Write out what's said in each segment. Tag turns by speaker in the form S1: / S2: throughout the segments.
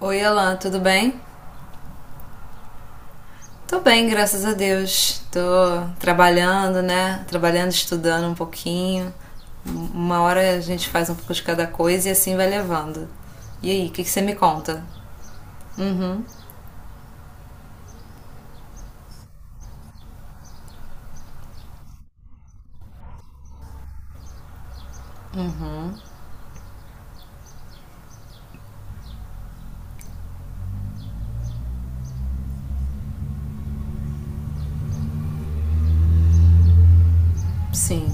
S1: Oi, Alan, tudo bem? Tô bem, graças a Deus. Tô trabalhando, né? Trabalhando, estudando um pouquinho. Uma hora a gente faz um pouco de cada coisa e assim vai levando. E aí, o que você me conta? Sim.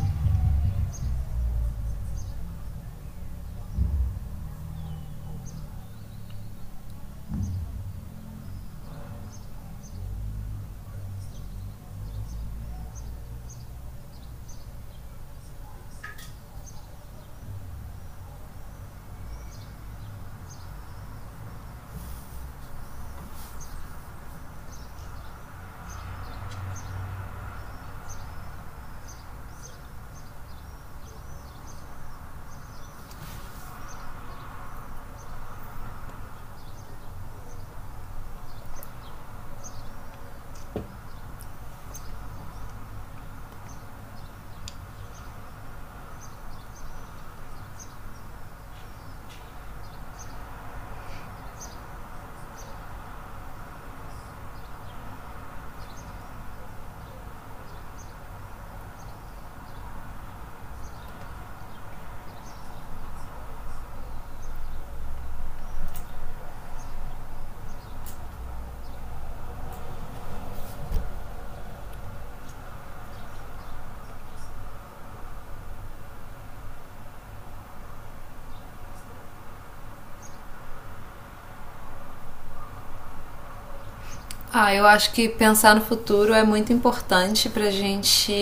S1: Ah, eu acho que pensar no futuro é muito importante pra gente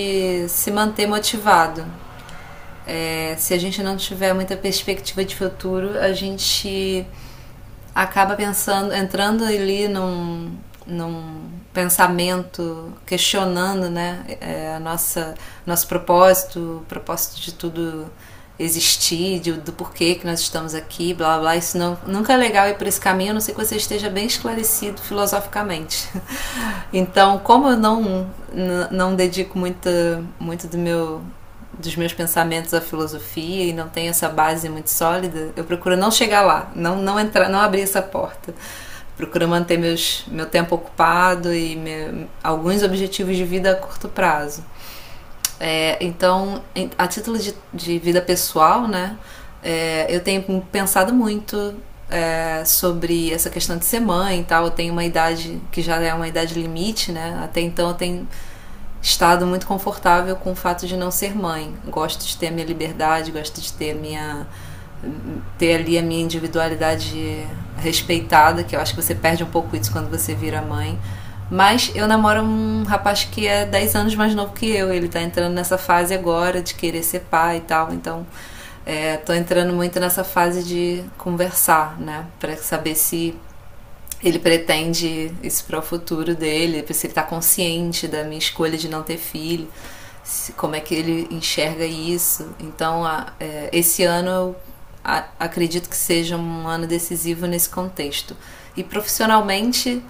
S1: se manter motivado. É, se a gente não tiver muita perspectiva de futuro, a gente acaba pensando, entrando ali num, pensamento, questionando, né, a nosso propósito, o propósito de tudo existir, do porquê que nós estamos aqui, blá blá blá. Isso não, nunca é legal ir por esse caminho, a não ser que você esteja bem esclarecido filosoficamente. Então, como eu não, dedico muito do meu dos meus pensamentos à filosofia e não tenho essa base muito sólida, eu procuro não chegar lá, não entrar, não abrir essa porta. Procuro manter meu tempo ocupado e alguns objetivos de vida a curto prazo. Então, a título de vida pessoal, né, eu tenho pensado muito, sobre essa questão de ser mãe e tal. Eu tenho uma idade que já é uma idade limite, né? Até então eu tenho estado muito confortável com o fato de não ser mãe. Gosto de ter a minha liberdade, gosto de ter ali a minha individualidade respeitada, que eu acho que você perde um pouco isso quando você vira mãe. Mas eu namoro um rapaz que é 10 anos mais novo que eu, ele tá entrando nessa fase agora de querer ser pai e tal, então tô entrando muito nessa fase de conversar, né, para saber se ele pretende isso para o futuro dele, se ele está consciente da minha escolha de não ter filho, se, como é que ele enxerga isso. Então, esse ano eu, acredito que seja um ano decisivo nesse contexto. E profissionalmente,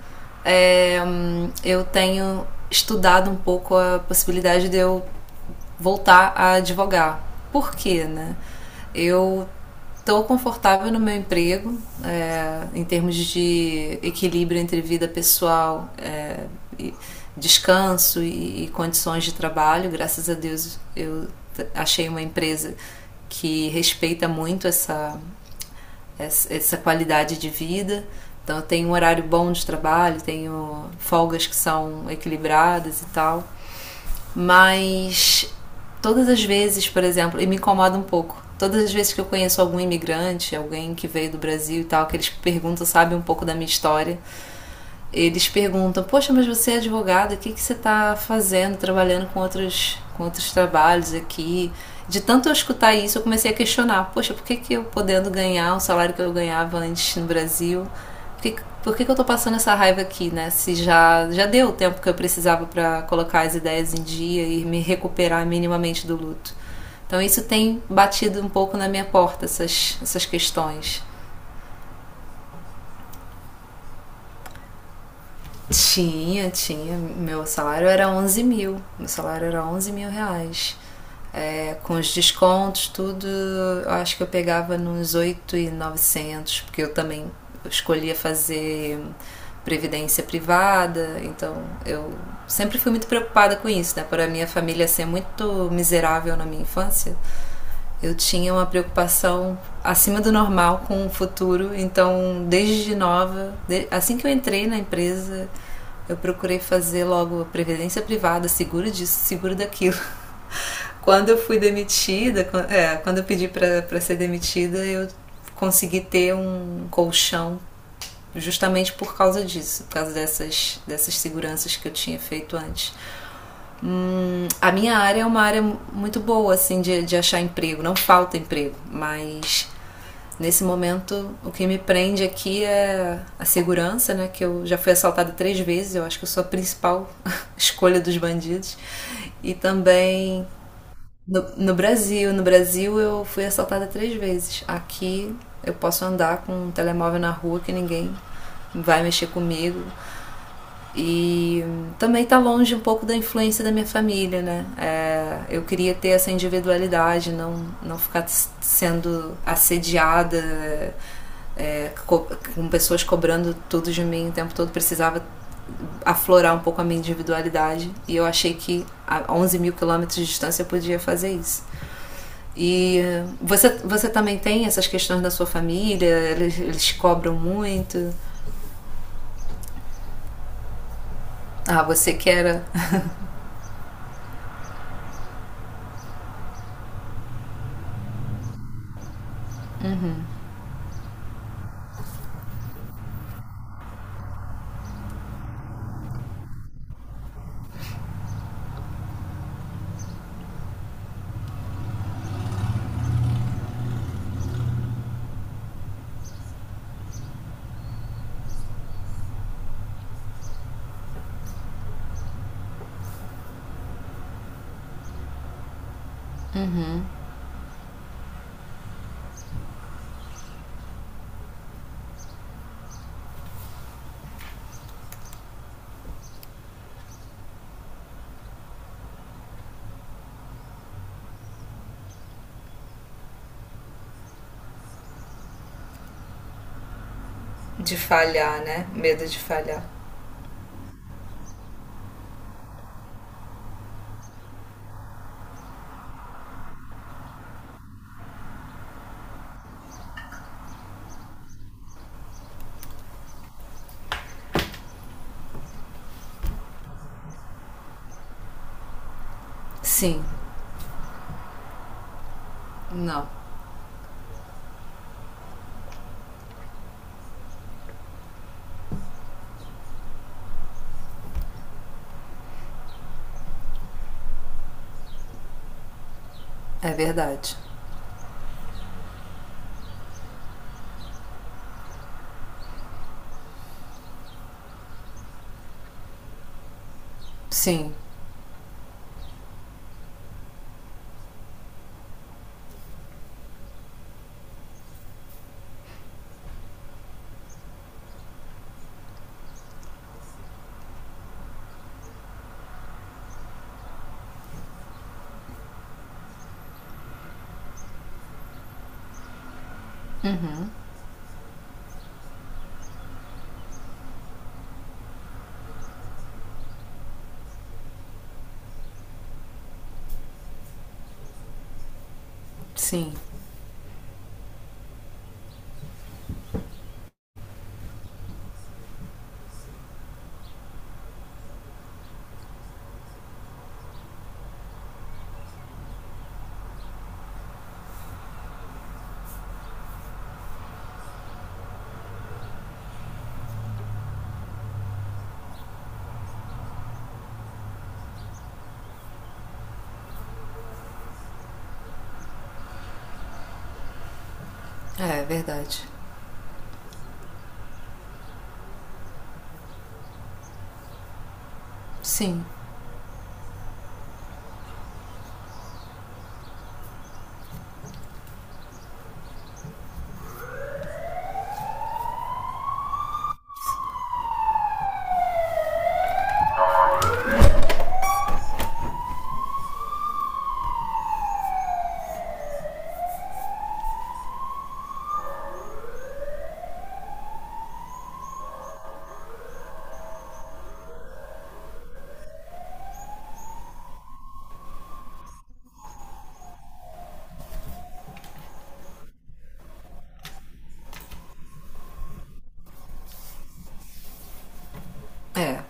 S1: eu tenho estudado um pouco a possibilidade de eu voltar a advogar. Por quê, né? Eu estou confortável no meu emprego, em termos de equilíbrio entre vida pessoal, e descanso condições de trabalho. Graças a Deus eu achei uma empresa que respeita muito essa qualidade de vida. Então eu tenho um horário bom de trabalho, tenho folgas que são equilibradas e tal. Mas todas as vezes, por exemplo, e me incomoda um pouco. Todas as vezes que eu conheço algum imigrante, alguém que veio do Brasil e tal, que eles perguntam, sabe, um pouco da minha história, eles perguntam: poxa, mas você é advogada, o que você está fazendo, trabalhando com com outros trabalhos aqui? De tanto eu escutar isso, eu comecei a questionar: poxa, por que eu podendo ganhar o salário que eu ganhava antes no Brasil? Por que, por que eu estou passando essa raiva aqui, né? Se já deu o tempo que eu precisava para colocar as ideias em dia e me recuperar minimamente do luto. Então, isso tem batido um pouco na minha porta, essas questões. Tinha, tinha. Meu salário era 11.000. Meu salário era 11.000 reais. É, com os descontos, tudo, eu acho que eu pegava nos 8.900, porque eu também escolhia fazer previdência privada, então eu sempre fui muito preocupada com isso, né? Por a minha família ser muito miserável na minha infância, eu tinha uma preocupação acima do normal com o futuro, então desde nova, assim que eu entrei na empresa, eu procurei fazer logo previdência privada, seguro disso, seguro daquilo. Quando eu fui demitida, quando eu pedi para ser demitida, eu consegui ter um colchão justamente por causa disso, por causa dessas seguranças que eu tinha feito antes. A minha área é uma área muito boa, assim, de achar emprego. Não falta emprego, mas nesse momento o que me prende aqui é a segurança, né? Que eu já fui assaltada 3 vezes, eu acho que eu sou a principal escolha dos bandidos. E também no Brasil. No Brasil eu fui assaltada 3 vezes. Aqui eu posso andar com um telemóvel na rua que ninguém vai mexer comigo. E também tá longe um pouco da influência da minha família, né? É, eu queria ter essa individualidade, não ficar sendo assediada, é, co com pessoas cobrando tudo de mim o tempo todo. Precisava aflorar um pouco a minha individualidade e eu achei que a 11 mil quilômetros de distância eu podia fazer isso. E você também tem essas questões da sua família? Eles cobram muito? Ah, você que era de falhar, né? Medo de falhar. Sim, não. É verdade. Sim, sim. É verdade. Sim, é.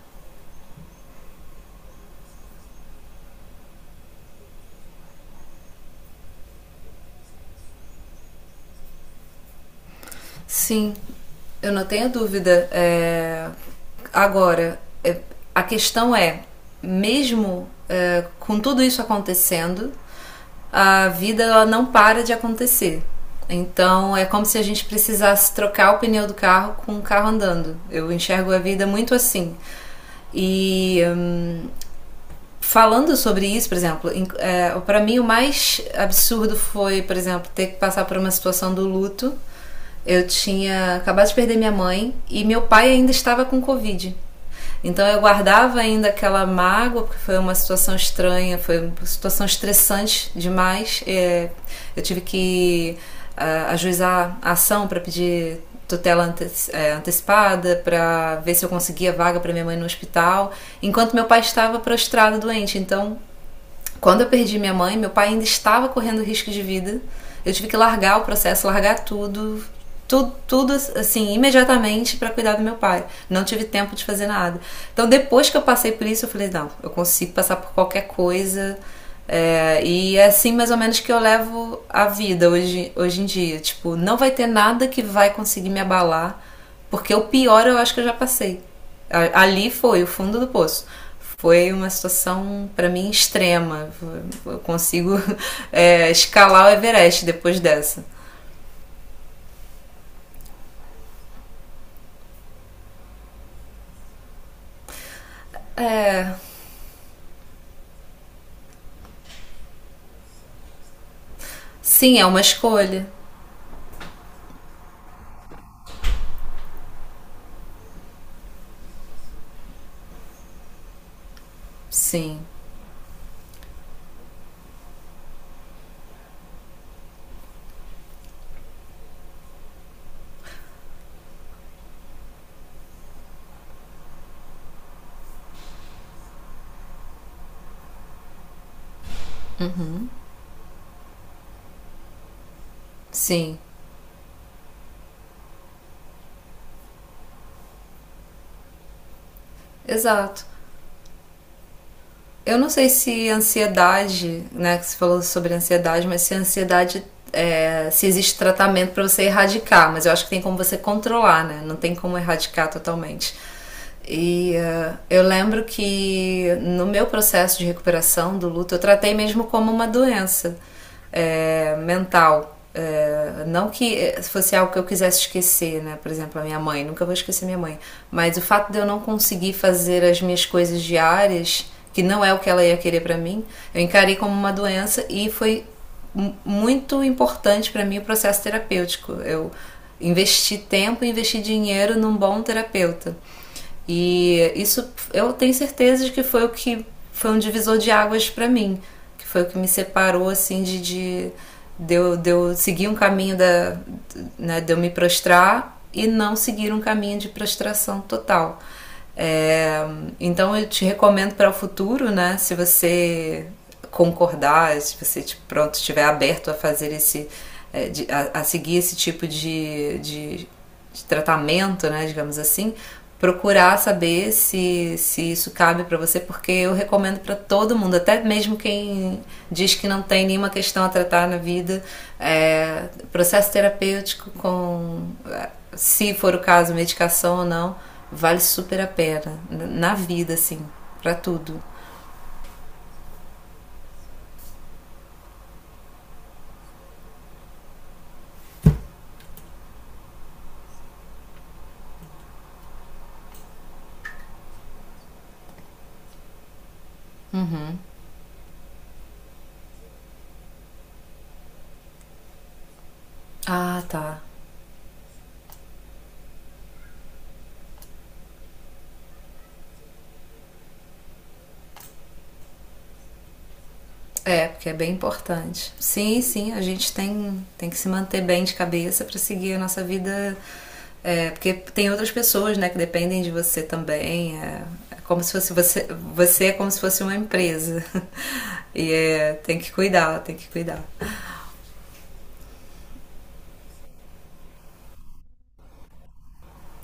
S1: Sim, eu não tenho dúvida. Agora, é, a questão é: mesmo com tudo isso acontecendo, a vida, ela não para de acontecer. Então é como se a gente precisasse trocar o pneu do carro com o carro andando. Eu enxergo a vida muito assim. E falando sobre isso, por exemplo, para mim o mais absurdo foi, por exemplo, ter que passar por uma situação do luto. Eu tinha acabado de perder minha mãe e meu pai ainda estava com Covid. Então eu guardava ainda aquela mágoa, porque foi uma situação estranha, foi uma situação estressante demais. Eu tive que ajuizar a ação para pedir tutela antes, antecipada, para ver se eu conseguia vaga para minha mãe no hospital, enquanto meu pai estava prostrado doente. Então quando eu perdi minha mãe, meu pai ainda estava correndo risco de vida. Eu tive que largar o processo, largar tudo, tudo, tudo assim, imediatamente, para cuidar do meu pai. Não tive tempo de fazer nada. Então, depois que eu passei por isso, eu falei: não, eu consigo passar por qualquer coisa. E é assim mais ou menos que eu levo a vida hoje em dia. Tipo, não vai ter nada que vai conseguir me abalar, porque o pior eu acho que eu já passei. Ali foi o fundo do poço. Foi uma situação para mim extrema. Eu consigo escalar o Everest depois dessa. Sim, é uma escolha. Sim, sim, exato. Eu não sei se ansiedade, né, que você falou sobre ansiedade, mas se ansiedade, se existe tratamento para você erradicar, mas eu acho que tem como você controlar, né? Não tem como erradicar totalmente. E eu lembro que no meu processo de recuperação do luto, eu tratei mesmo como uma doença, mental. Não que fosse algo que eu quisesse esquecer, né? Por exemplo, a minha mãe, nunca vou esquecer minha mãe. Mas o fato de eu não conseguir fazer as minhas coisas diárias, que não é o que ela ia querer para mim, eu encarei como uma doença, e foi muito importante para mim o processo terapêutico. Eu investi tempo, investi dinheiro num bom terapeuta. E isso eu tenho certeza de que foi o que foi um divisor de águas para mim, que foi o que me separou assim de eu seguir um caminho da, né, de eu me prostrar e não seguir um caminho de prostração total. É, então eu te recomendo para o futuro, né? Se você concordar, se você tipo, pronto, estiver aberto a fazer esse, é, a seguir esse tipo de tratamento, né? Digamos assim, procurar saber se isso cabe para você, porque eu recomendo para todo mundo, até mesmo quem diz que não tem nenhuma questão a tratar na vida, processo terapêutico, com, se for o caso, medicação ou não, vale super a pena. Na vida, assim, pra tudo. Ah, tá. Porque é bem importante. Sim, sim, a gente tem, que se manter bem de cabeça pra seguir a nossa vida. Porque tem outras pessoas, né, que dependem de você também. É como se fosse você é como se fosse uma empresa. E tem que cuidar, tem que cuidar.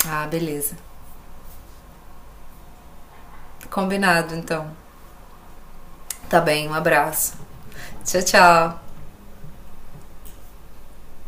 S1: Ah, beleza. Combinado, então. Tá bem, um abraço. Tchau, tchau.